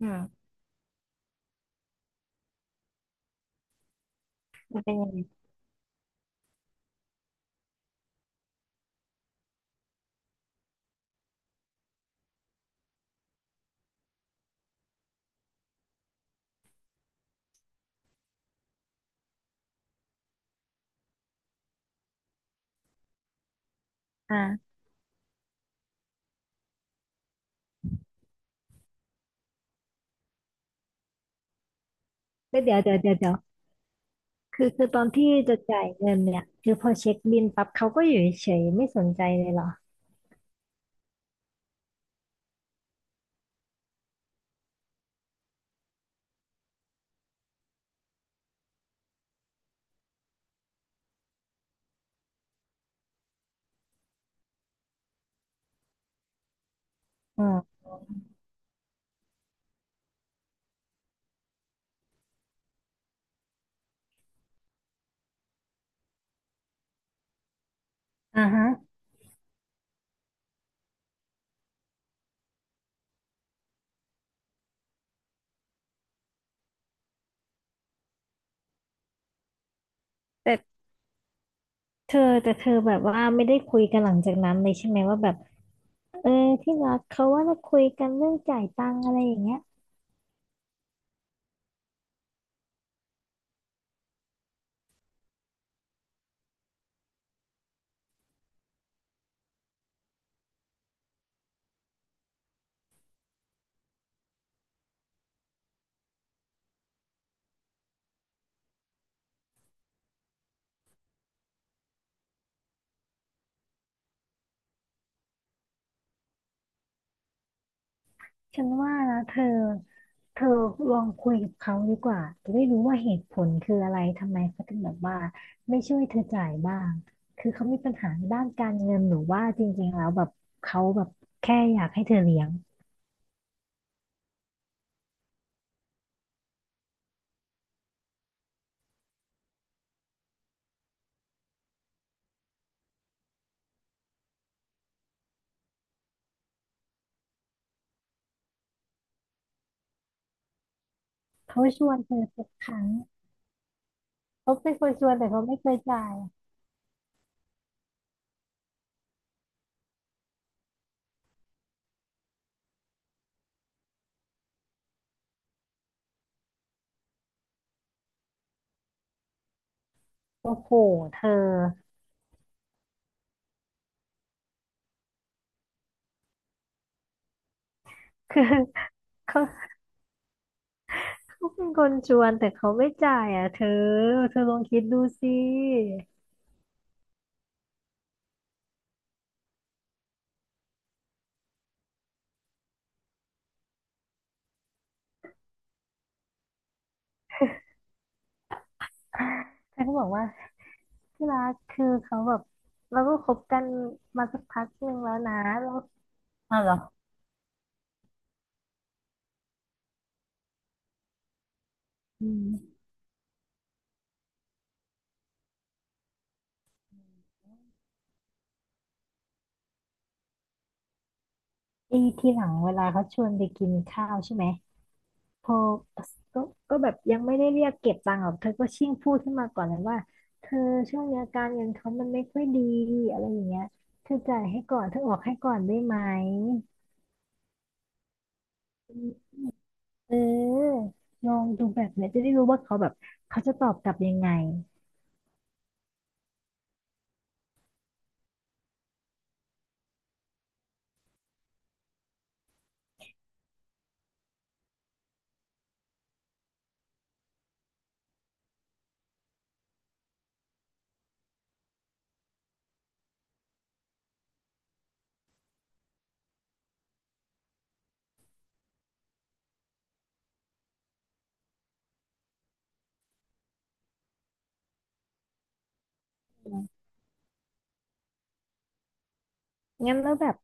อืะมันเป็นยังไงอ่าแล้วเดี๋ยวคือตอนที่จะจ่ายเงินเนี่ยคือพอเช็คบิลปั๊บเขาก็อยู่เฉยๆไม่สนใจเลยเหรออืออ่าฮะแต่เธอ แต่เธอแบบว่าไม่ได้คุยกันหลังจากนั้นเลยใช่ไหมว่าแบบเออที่รักเขาว่าเราคุยกันเรื่องจ่ายตังค์อะไรอย่างเงี้ยฉันว่านะเธอ เธอลองคุยกับเขาดีกว่าจะได้รู้ว่าเหตุผลคืออะไรทำไมเขาถึงแบบว่าไม่ช่วยเธอจ่ายบ้างคือเขามีปัญหาในด้านการเงินหรือว่าจริงๆแล้วแบบเขาแบบแค่อยากให้เธอเลี้ยงเขาชวนเธอทุกครั้งเขาเป็นคนชวนแต่เขาไม่เคยจ่ายโอ้โหเธอคือเขาเขาเป็นคนชวนแต่เขาไม่จ่ายอ่ะเธอเธอลองคิดดูสิเธอก็บอกว่าที่รักคือเขาแบบเราก็คบกันมาสักพักหนึ่งแล้วนะเรา อ้าวเหรออืมไอ้ที่หลังเวลาเขาชวนไปกินข้าวใช่ไหมพอก็ก็แบบยังไม่ได้เรียกเก็บตังค์หรอกเธอก็ชิ่งพูดขึ้นมาก่อนเลยว่า เธอช่วงนี้อาการเงินเขามันไม่ค่อยดีอะไรอย่างเงี้ยเธอจ่ายให้ก่อนเธอออกให้ก่อนได้ไหมเออลองดูแบบเนี้ยจะได้รู้ว่าเขาแบบเขาจะตอบกลับยังไงงั้นแล้วแบบ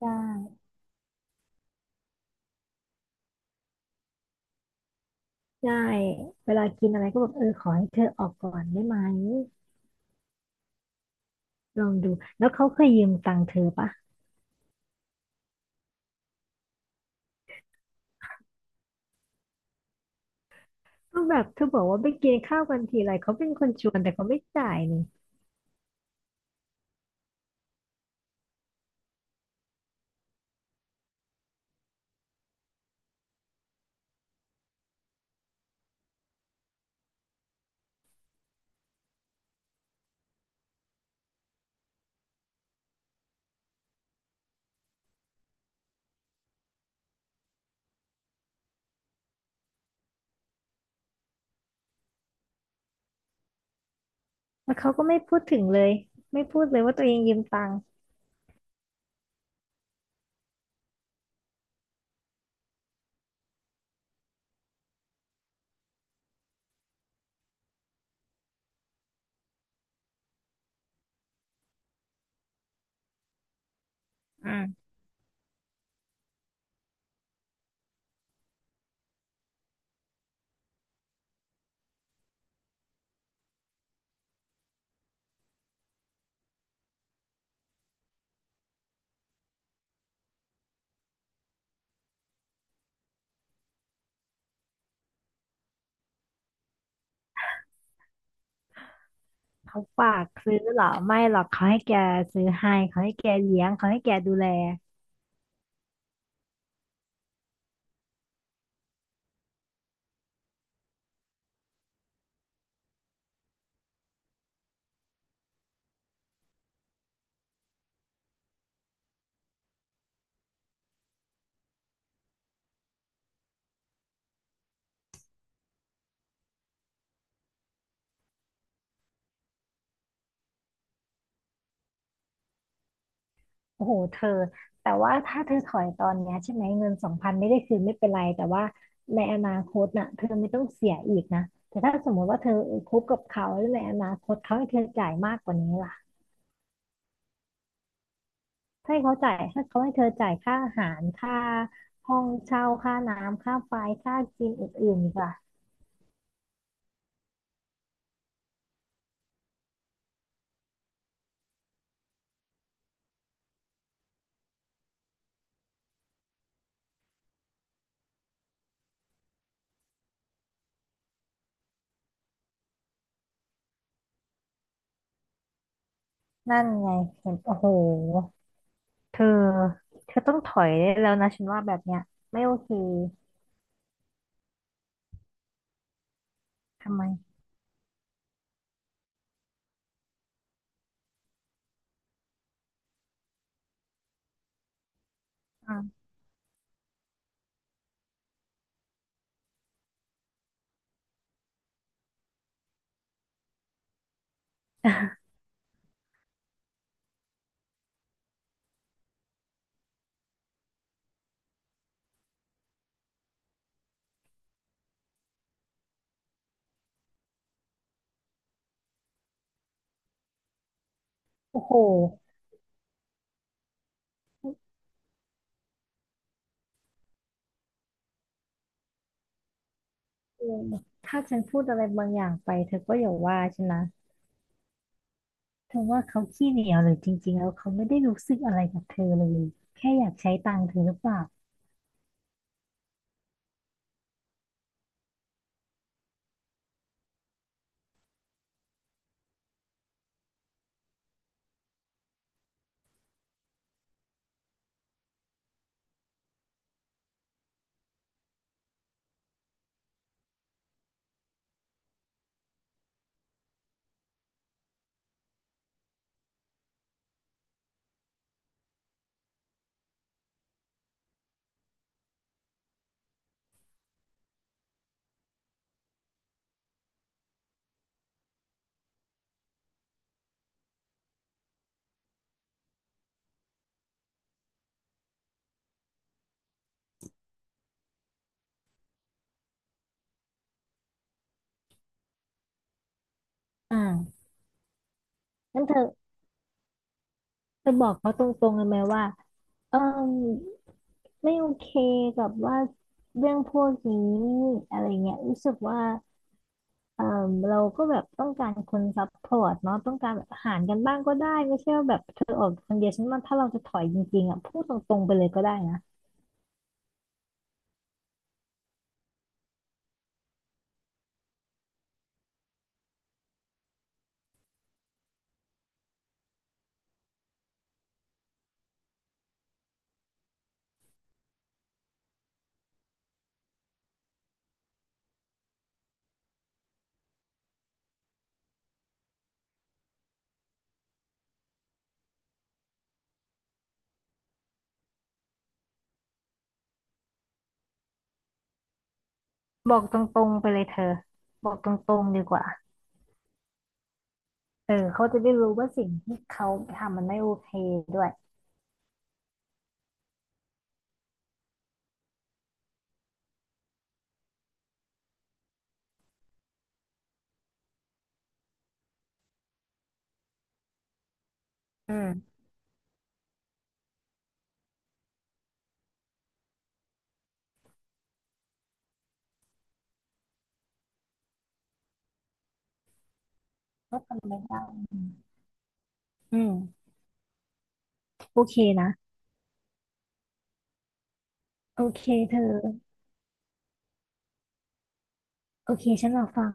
ได้ได้เวลากินอะไรก็แบบเออขอให้เธอออกก่อนได้ไหมลองดูแล้วเขาเคยยืมตังค์เธอปะ ก็แบบเธอบอกว่าไปกินข้าวกันทีไรเขาเป็นคนชวนแต่เขาไม่จ่ายนี่แล้วเขาก็ไม่พูดถึงเลยไม่พูดเลยว่าตัวเองยืมตังค์อืมเขาฝากซื้อเหรอไม่หรอกเขาให้แกซื้อให้เขาให้แกเลี้ยงเขาให้แกดูแลโอ้โหเธอแต่ว่าถ้าเธอถอยตอนเนี้ยใช่ไหมเงิน2,000ไม่ได้คืนไม่เป็นไรแต่ว่าในอนาคตน่ะเธอไม่ต้องเสียอีกนะแต่ถ้าสมมติว่าเธอคบกับเขาหรือในอนาคตเขาให้เธอจ่ายมากกว่านี้ล่ะ ให้เขาจ่ายให้เขาให้เธอจ่ายค่าอาหารค่าห้องเช่าค่าน้ำค่าไฟค่ากินอื่นๆดีกว่านั่นไงเห็นโอ้โหเธอเธอต้องถอยได้แล้วนะฉันว่าแบบเนี้ยไม่โอเคทำไมอ่ะ โอ้โหเออถ้าฉันพูดอะไรบางอย่างไปเธอก็อย่าว่าฉันนะเธอว่าเขาขี้เหนียวหรือจริงๆแล้วเขาไม่ได้รู้สึกอะไรกับเธอเลยแค่อยากใช้ตังค์เธอหรือเปล่าอ่างั้นเธอ จะบอกเขาตรงๆเลยไหมว่าเออไม่โอเคกับว่าเรื่องพวกนี้อะไรเงี้ยรู้สึกว่าเออเราก็แบบต้องการคนซัพพอร์ตเนาะต้องการแบบหารกันบ้างก็ได้ไม่ใช่ว่าแบบเธอออกคนเดียวฉันมาถ้าเราจะถอยจริงๆอ่ะพูดตรงๆไปเลยก็ได้นะบอกตรงๆไปเลยเธอบอกตรงๆดีกว่าเออเขาจะได้รู้ว่าสิ่งที่เขาทำมันไม่โอเคด้วยอืมก็ทำไม่ได้อืมโอเคนะโอเคเธอ โอเคฉันรอฟัง